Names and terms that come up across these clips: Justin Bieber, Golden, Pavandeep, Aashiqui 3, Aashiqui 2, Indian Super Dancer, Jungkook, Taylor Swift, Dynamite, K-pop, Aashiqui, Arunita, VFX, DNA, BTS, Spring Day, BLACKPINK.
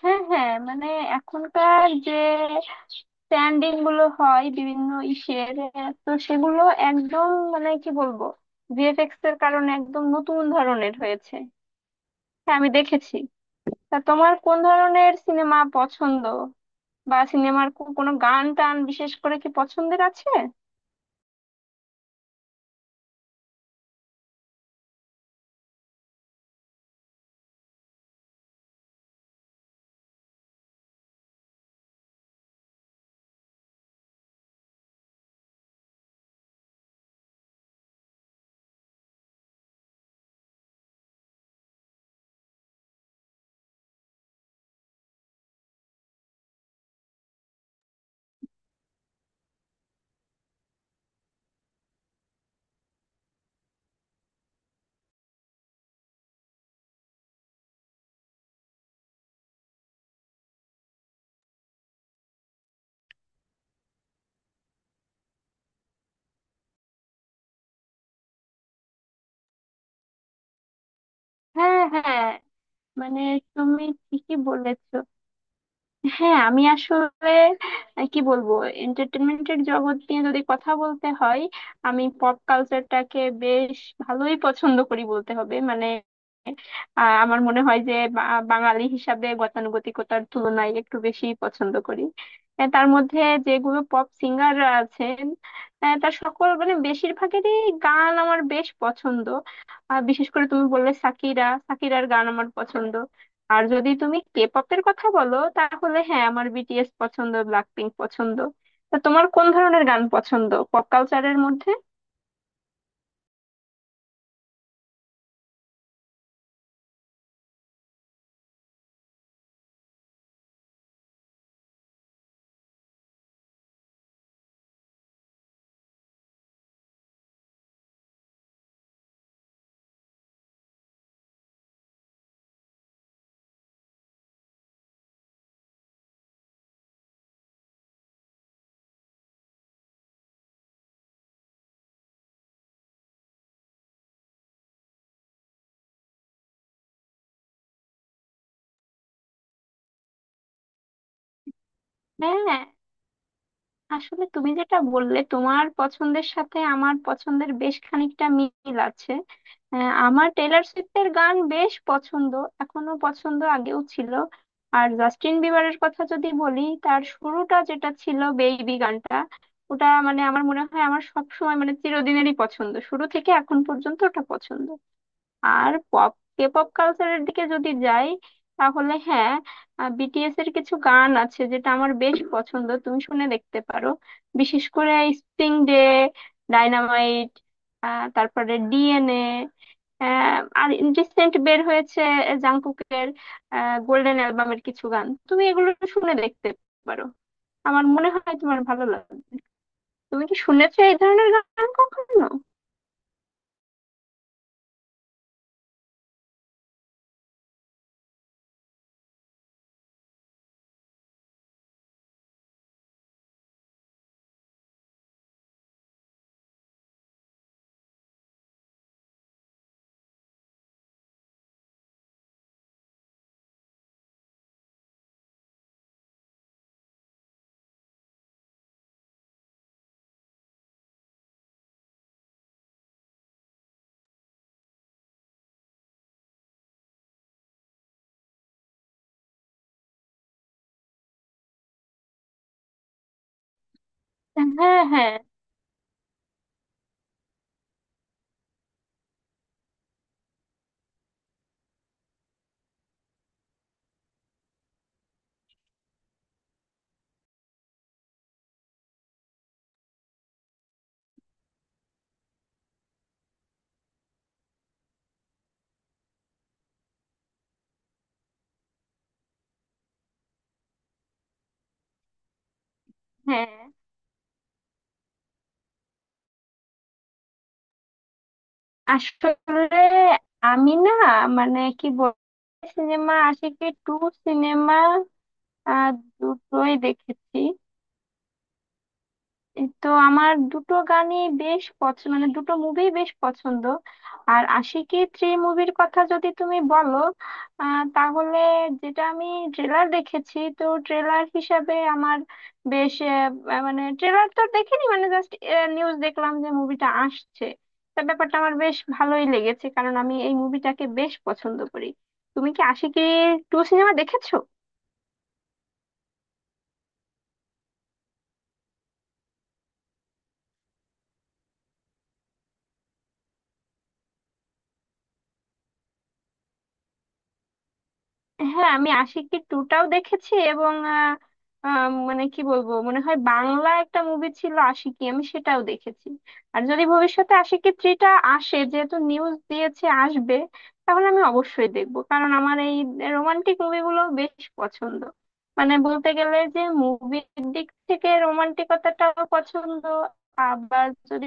হ্যাঁ, হ্যাঁ, মানে এখনকার যে স্ট্যান্ডিং গুলো হয় বিভিন্ন ইসের তো সেগুলো একদম মানে কি বলবো, ভিএফএক্স এর কারণে একদম নতুন ধরনের হয়েছে। হ্যাঁ, আমি দেখেছি। তা তোমার কোন ধরনের সিনেমা পছন্দ, বা সিনেমার কোনো গান টান বিশেষ করে কি পছন্দের আছে? হ্যাঁ, হ্যাঁ, মানে তুমি ঠিকই বলেছো। হ্যাঁ, আমি আসলে কি বলবো, এন্টারটেনমেন্টের জগৎ নিয়ে যদি কথা বলতে হয়, আমি পপ কালচারটাকে বেশ ভালোই পছন্দ করি বলতে হবে। মানে আমার মনে হয় যে বাঙালি হিসাবে গতানুগতিকতার তুলনায় একটু বেশি পছন্দ করি। তার মধ্যে যেগুলো পপ সিঙ্গার আছেন, তার সকল মানে বেশিরভাগেরই গান আমার বেশ পছন্দ। আর বিশেষ করে তুমি বললে সাকিরা, সাকিরার গান আমার পছন্দ। আর যদি তুমি কে পপের কথা বলো, তাহলে হ্যাঁ, আমার বিটিএস পছন্দ, ব্ল্যাকপিঙ্ক পছন্দ। তা তোমার কোন ধরনের গান পছন্দ পপ কালচারের মধ্যে? হ্যাঁ, আসলে তুমি যেটা বললে তোমার পছন্দের সাথে আমার পছন্দের বেশ খানিকটা মিল আছে। আমার টেলর সুইফটের গান বেশ পছন্দ, এখনো পছন্দ, আগেও ছিল। আর জাস্টিন বিবারের কথা যদি বলি, তার শুরুটা যেটা ছিল বেবি গানটা, ওটা মানে আমার মনে হয় আমার সব সময় মানে চিরদিনেরই পছন্দ, শুরু থেকে এখন পর্যন্ত ওটা পছন্দ। আর পপ, কে পপ কালচারের দিকে যদি যাই, তাহলে হ্যাঁ, বিটিএস এর কিছু গান আছে যেটা আমার বেশ পছন্দ, তুমি শুনে দেখতে পারো। বিশেষ করে স্প্রিং ডে, ডাইনামাইট, তারপরে ডিএনএ, আর রিসেন্ট বের হয়েছে জাংকুকের গোল্ডেন অ্যালবামের কিছু গান, তুমি এগুলো শুনে দেখতে পারো। আমার মনে হয় তোমার ভালো লাগবে। তুমি কি শুনেছো এই ধরনের গান কখনো? হ্যাঁ, হ্যাঁ। হ্যাঁ, আসলে আমি না, মানে কি বল, সিনেমা আশিকি টু সিনেমা দুটোই দেখেছি। এই তো আমার দুটো গানই বেশ পছন্দ, মানে দুটো মুভি বেশ পছন্দ। আর আশিকি থ্রি মুভির কথা যদি তুমি বলো, তাহলে যেটা আমি ট্রেলার দেখেছি, তো ট্রেলার হিসাবে আমার বেশ আহ, আহ, মানে ট্রেলার তো দেখিনি, মানে জাস্ট নিউজ দেখলাম যে মুভিটা আসছে। তা ব্যাপারটা আমার বেশ ভালোই লেগেছে কারণ আমি এই মুভিটাকে বেশ পছন্দ করি। তুমি কি আশিকি টু সিনেমা দেখেছো? হ্যাঁ, আমি আশিকি টুটাও দেখেছি এবং আহ, আহ, মানে কি বলবো, মনে হয় বাংলা একটা মুভি ছিল আশিকি, আমি সেটাও দেখেছি। আর যদি ভবিষ্যতে আশিকি থ্রিটা আসে, যেহেতু নিউজ দিয়েছে আসবে, তাহলে আমি অবশ্যই দেখবো কারণ আমার এই রোমান্টিক মুভিগুলো বেশ পছন্দ। মানে বলতে গেলে যে মুভির দিক থেকে রোমান্টিকতাটাও পছন্দ। আবার যদি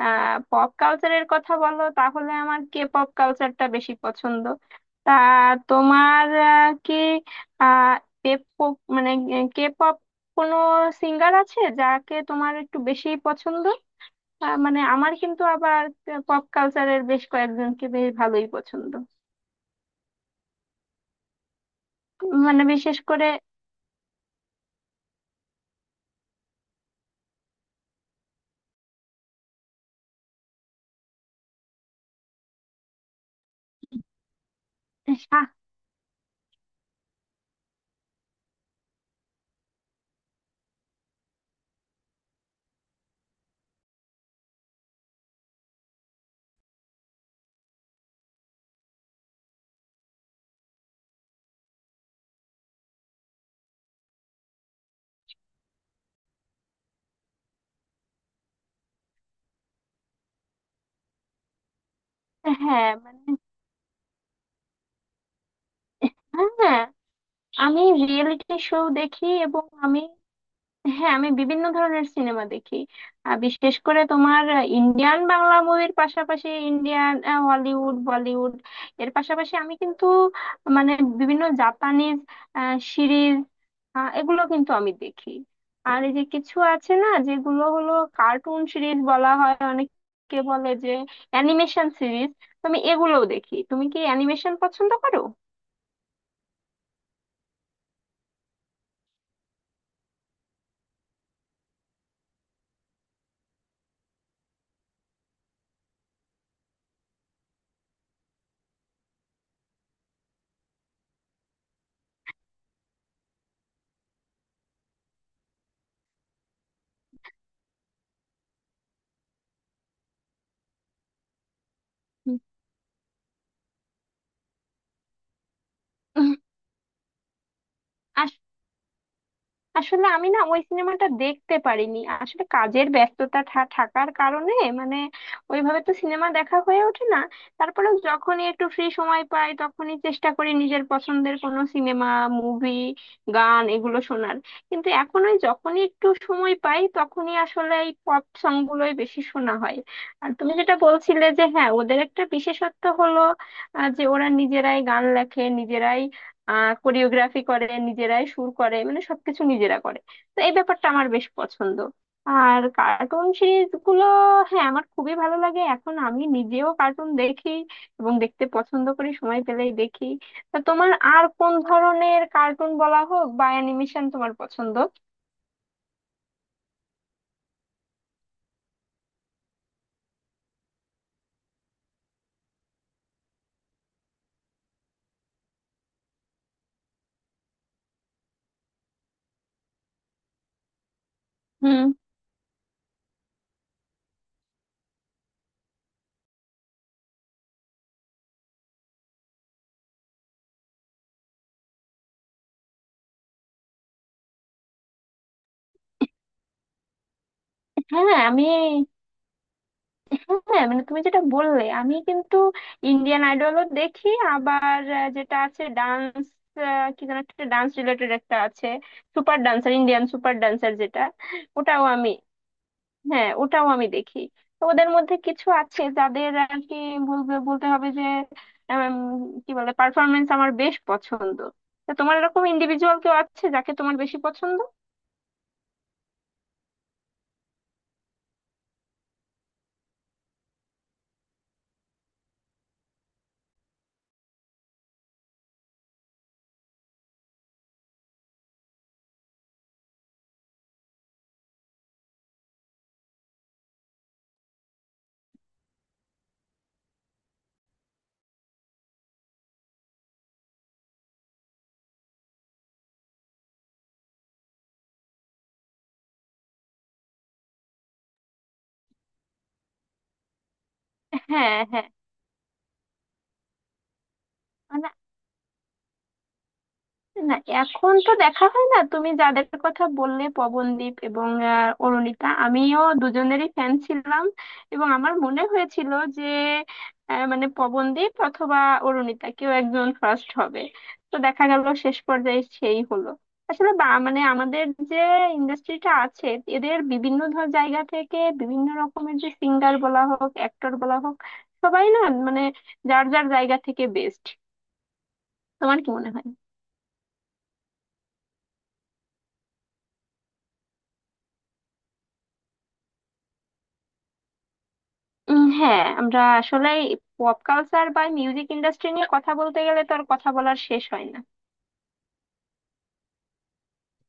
পপ কালচারের কথা বলো, তাহলে আমার কে পপ কালচারটা বেশি পছন্দ। তা তোমার কি আহ K-pop মানে কে পপ কোনো সিঙ্গার আছে যাকে তোমার একটু বেশি পছন্দ? মানে আমার কিন্তু আবার পপ কালচারের বেশ কয়েকজনকে বেশ ভালোই পছন্দ। মানে বিশেষ করে সা- হ্যাঁ, মানে হ্যাঁ, আমি রিয়েলিটি শো দেখি এবং আমি, হ্যাঁ, আমি বিভিন্ন ধরনের সিনেমা দেখি। বিশেষ করে তোমার ইন্ডিয়ান বাংলা মুভির পাশাপাশি ইন্ডিয়ান হলিউড বলিউড এর পাশাপাশি আমি কিন্তু মানে বিভিন্ন জাপানিজ সিরিজ এগুলো কিন্তু আমি দেখি। আর এই যে কিছু আছে না যেগুলো হলো কার্টুন সিরিজ বলা হয়, অনেকে বলে যে অ্যানিমেশন সিরিজ, তো আমি এগুলোও দেখি। তুমি কি অ্যানিমেশন পছন্দ করো? হুম, আসলে আমি না, ওই সিনেমাটা দেখতে পারিনি আসলে কাজের ব্যস্ততা থাকার কারণে। মানে ওইভাবে তো সিনেমা দেখা হয়ে ওঠে না। তারপরে যখনই একটু ফ্রি সময় পাই তখনই চেষ্টা করি নিজের পছন্দের কোনো সিনেমা, মুভি, গান এগুলো শোনার। কিন্তু এখন ওই যখনই একটু সময় পাই তখনই আসলে এই পপ সং গুলোই বেশি শোনা হয়। আর তুমি যেটা বলছিলে যে হ্যাঁ, ওদের একটা বিশেষত্ব হলো যে ওরা নিজেরাই গান লেখে, নিজেরাই কোরিওগ্রাফি করে, নিজেরাই সুর করে, মানে সবকিছু নিজেরা করে। তো এই ব্যাপারটা আমার বেশ পছন্দ। আর কার্টুন সিরিজ গুলো, হ্যাঁ, আমার খুবই ভালো লাগে। এখন আমি নিজেও কার্টুন দেখি এবং দেখতে পছন্দ করি, সময় পেলেই দেখি। তা তোমার আর কোন ধরনের কার্টুন বলা হোক বা অ্যানিমেশন তোমার পছন্দ? হুম। হ্যাঁ, আমি, হ্যাঁ, মানে তুমি যেটা বললে, আমি কিন্তু ইন্ডিয়ান আইডলও দেখি, আবার যেটা আছে ডান্স, কি যেন একটা ডান্স রিলেটেড একটা আছে, super dancer, Indian super dancer যেটা, ওটাও আমি, হ্যাঁ ওটাও আমি দেখি। তো ওদের মধ্যে কিছু আছে যাদের আর কি বলবে, বলতে হবে যে উম, কি বলে, পারফরমেন্স আমার বেশ পছন্দ। তো তোমার এরকম ইন্ডিভিজুয়াল কেউ আছে যাকে তোমার বেশি পছন্দ? হ্যাঁ, হ্যাঁ। না, এখন তো দেখা হয় না। তুমি যাদের কথা বললে পবনদীপ এবং অরুণিতা, আমিও দুজনেরই ফ্যান ছিলাম। এবং আমার মনে হয়েছিল যে মানে পবনদীপ অথবা অরুণিতা কেউ একজন ফার্স্ট হবে। তো দেখা গেল শেষ পর্যায়ে সেই হলো। আসলে বা মানে আমাদের যে ইন্ডাস্ট্রিটা আছে, এদের বিভিন্ন ধর জায়গা থেকে বিভিন্ন রকমের যে সিঙ্গার বলা হোক, অ্যাক্টর বলা হোক, সবাই না মানে যার যার জায়গা থেকে বেস্ট। তোমার কি মনে হয়? উম, হ্যাঁ, আমরা আসলে পপ কালচার বা মিউজিক ইন্ডাস্ট্রি নিয়ে কথা বলতে গেলে তো আর কথা বলার শেষ হয় না।